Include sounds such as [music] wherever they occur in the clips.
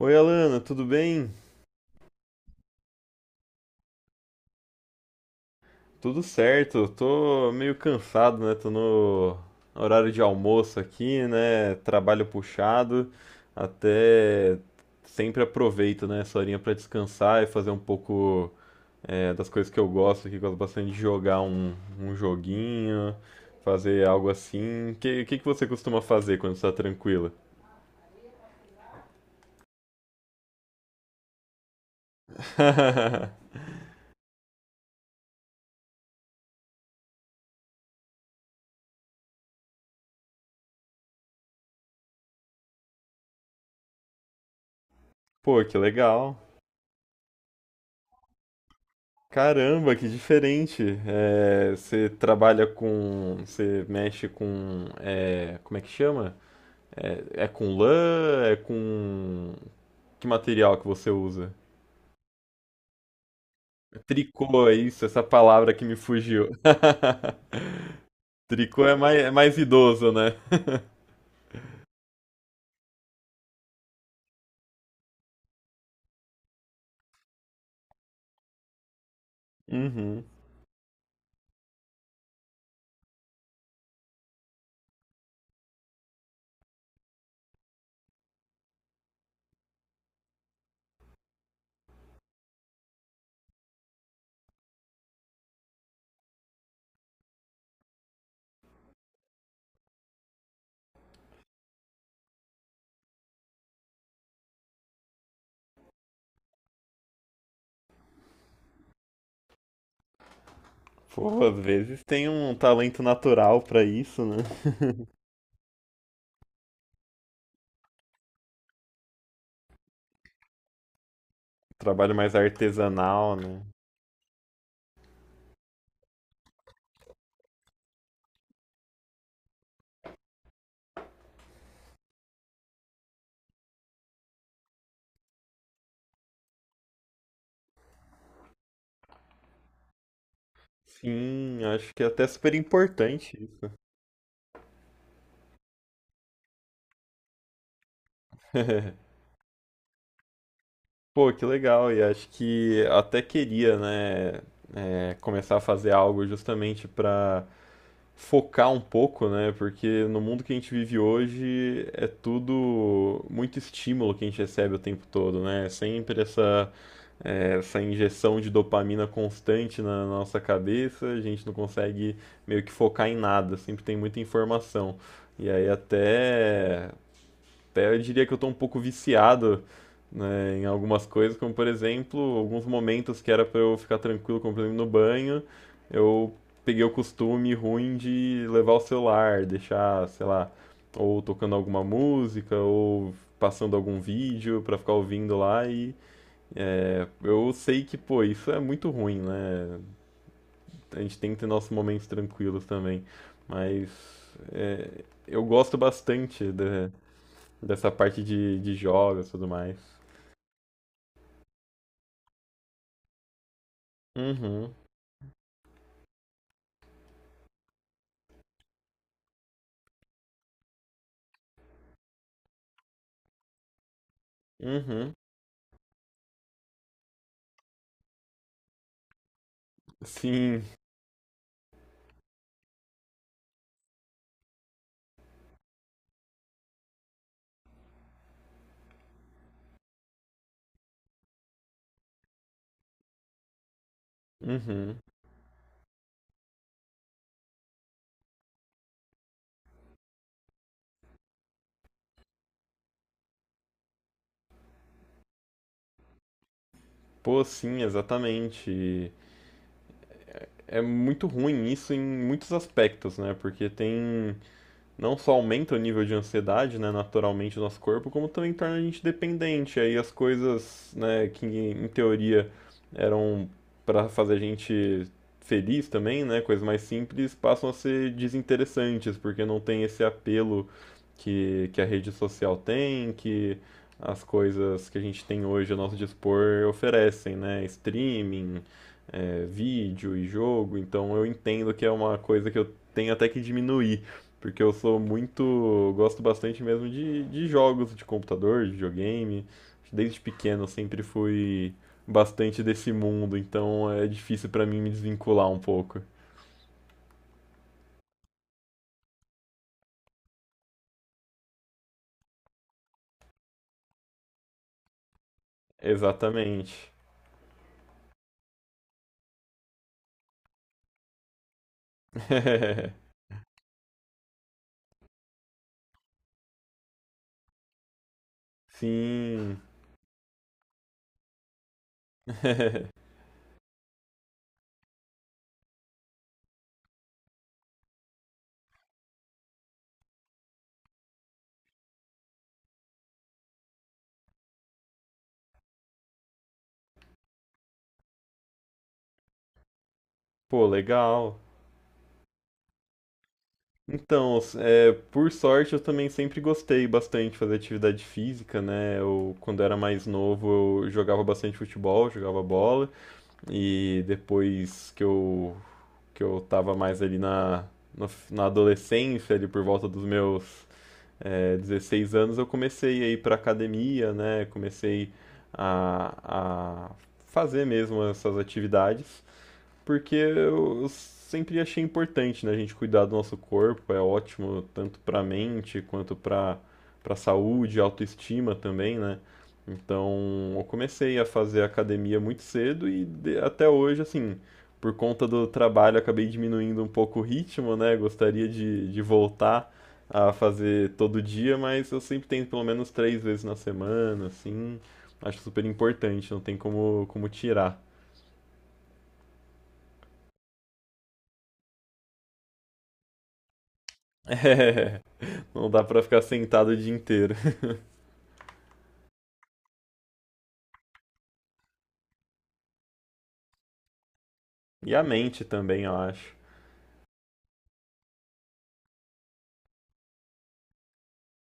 Oi, Alana, tudo bem? Tudo certo. Tô meio cansado, né? Tô no horário de almoço aqui, né? Trabalho puxado. Até sempre aproveito, né, essa horinha pra descansar e fazer um pouco das coisas que eu gosto, bastante de jogar um joguinho, fazer algo assim. O que que você costuma fazer quando está tranquila? [laughs] Pô, que legal. Caramba, que diferente. É, você trabalha com. Você mexe com. É, como é que chama? É, é com lã? É com. Que material que você usa? Tricô, é isso, essa palavra que me fugiu. [laughs] Tricô é mais idoso, né? Uhum. Pô, às vezes tem um talento natural pra isso, né? Trabalho mais artesanal, né? Sim, acho que é até super importante. Pô, que legal, e acho que até queria, né, começar a fazer algo justamente para focar um pouco, né, porque no mundo que a gente vive hoje é tudo muito estímulo que a gente recebe o tempo todo, né, é sempre essa injeção de dopamina constante na nossa cabeça, a gente não consegue meio que focar em nada, sempre tem muita informação. E aí até eu diria que eu tô um pouco viciado, né, em algumas coisas, como por exemplo, alguns momentos que era pra eu ficar tranquilo, como por exemplo no banho, eu peguei o costume ruim de levar o celular, deixar, sei lá, ou tocando alguma música, ou passando algum vídeo pra ficar ouvindo lá eu sei que, pô, isso é muito ruim, né? A gente tem que ter nossos momentos tranquilos também, mas eu gosto bastante dessa parte de jogos e tudo mais. Uhum, uhum. Sim, uhum. Pô, sim, exatamente. É muito ruim isso em muitos aspectos, né? Porque tem não só aumenta o nível de ansiedade, né, naturalmente no nosso corpo, como também torna a gente dependente. Aí as coisas, né, que em teoria eram para fazer a gente feliz também, né, coisas mais simples, passam a ser desinteressantes, porque não tem esse apelo que a rede social tem, que as coisas que a gente tem hoje a nosso dispor oferecem, né, streaming, vídeo e jogo, então eu entendo que é uma coisa que eu tenho até que diminuir, porque eu sou muito, gosto bastante mesmo de jogos de computador, de videogame. Desde pequeno eu sempre fui bastante desse mundo, então é difícil pra mim me desvincular um pouco. Exatamente. [laughs] Sim. [laughs] Pô, legal. Então, é, por sorte, eu também sempre gostei bastante de fazer atividade física, né? Eu, quando era mais novo, eu jogava bastante futebol, jogava bola, e depois que eu, que eu tava mais ali na, na adolescência, ali por volta dos meus, 16 anos, eu comecei a ir pra academia, né? Comecei a fazer mesmo essas atividades porque eu sempre achei importante, né, a gente cuidar do nosso corpo, é ótimo tanto para mente quanto para saúde, autoestima também, né? Então, eu comecei a fazer academia muito cedo e até hoje, assim, por conta do trabalho, eu acabei diminuindo um pouco o ritmo, né? Gostaria de voltar a fazer todo dia, mas eu sempre tento pelo menos três vezes na semana, assim. Acho super importante, não tem como, como tirar. [laughs] Não dá pra ficar sentado o dia inteiro. [laughs] E a mente também, eu acho.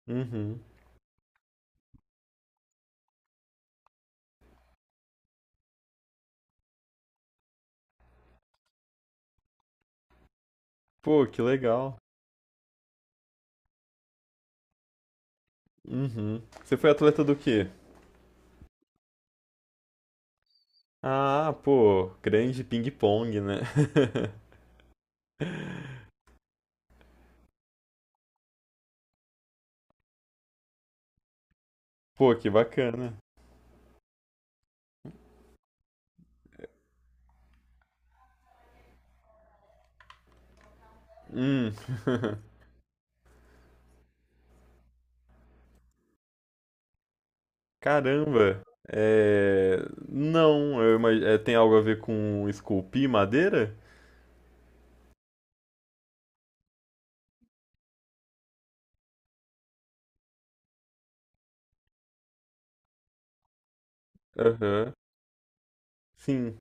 Uhum. Pô, que legal. Uhum. Você foi atleta do quê? Ah, pô, grande ping-pong, né? [laughs] Pô, que bacana. Hum. [laughs] Caramba. É... Não, eu imag... é, tem algo a ver com esculpir madeira? Aham. Sim.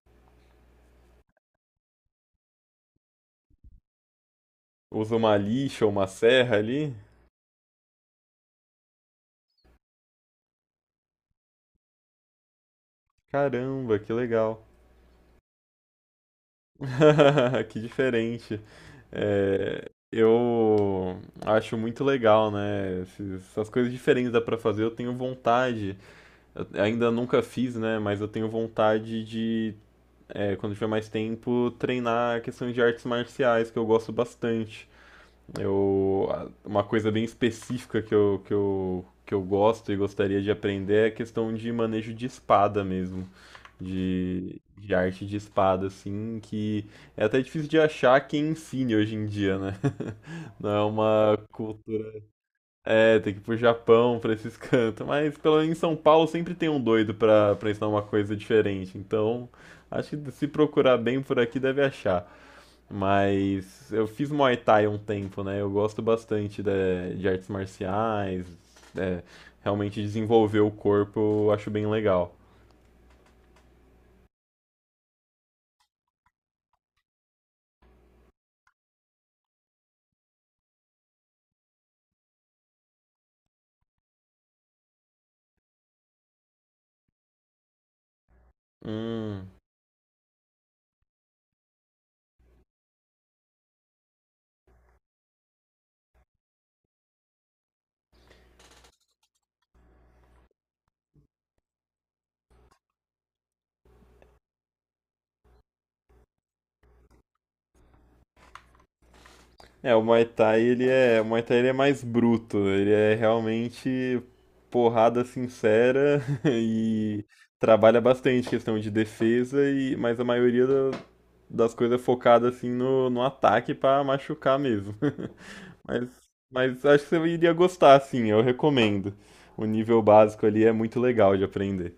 Usa uma lixa ou uma serra ali? Caramba, que legal. [laughs] Que diferente. É, eu acho muito legal, né? Essas coisas diferentes dá pra fazer. Eu tenho vontade, eu ainda nunca fiz, né? Mas eu tenho vontade de, é, quando tiver mais tempo, treinar a questão de artes marciais, que eu gosto bastante. Uma coisa bem específica que eu gosto e gostaria de aprender é a questão de manejo de espada mesmo de arte de espada, assim, que é até difícil de achar quem ensine hoje em dia, né? [laughs] Não é uma cultura. É, tem que ir pro Japão, pra esses [laughs] cantos. Mas pelo menos em São Paulo sempre tem um doido pra ensinar uma coisa diferente. Então, acho que se procurar bem por aqui deve achar. Mas eu fiz Muay Thai um tempo, né? Eu gosto bastante de artes marciais. É, realmente desenvolver o corpo eu acho bem legal. Hum. É, o Muay Thai, ele é mais bruto, né? Ele é realmente porrada sincera [laughs] e trabalha bastante questão de defesa e mas a maioria das coisas é focada assim no, no ataque pra machucar mesmo. [laughs] Mas acho que você iria gostar assim, eu recomendo. O nível básico ali é muito legal de aprender.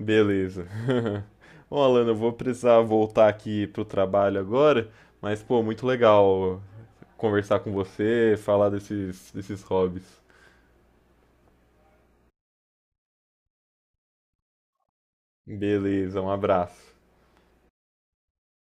Beleza. [laughs] Bom, Alana, eu vou precisar voltar aqui pro trabalho agora, mas pô, muito legal conversar com você, falar desses hobbies. Beleza, um abraço.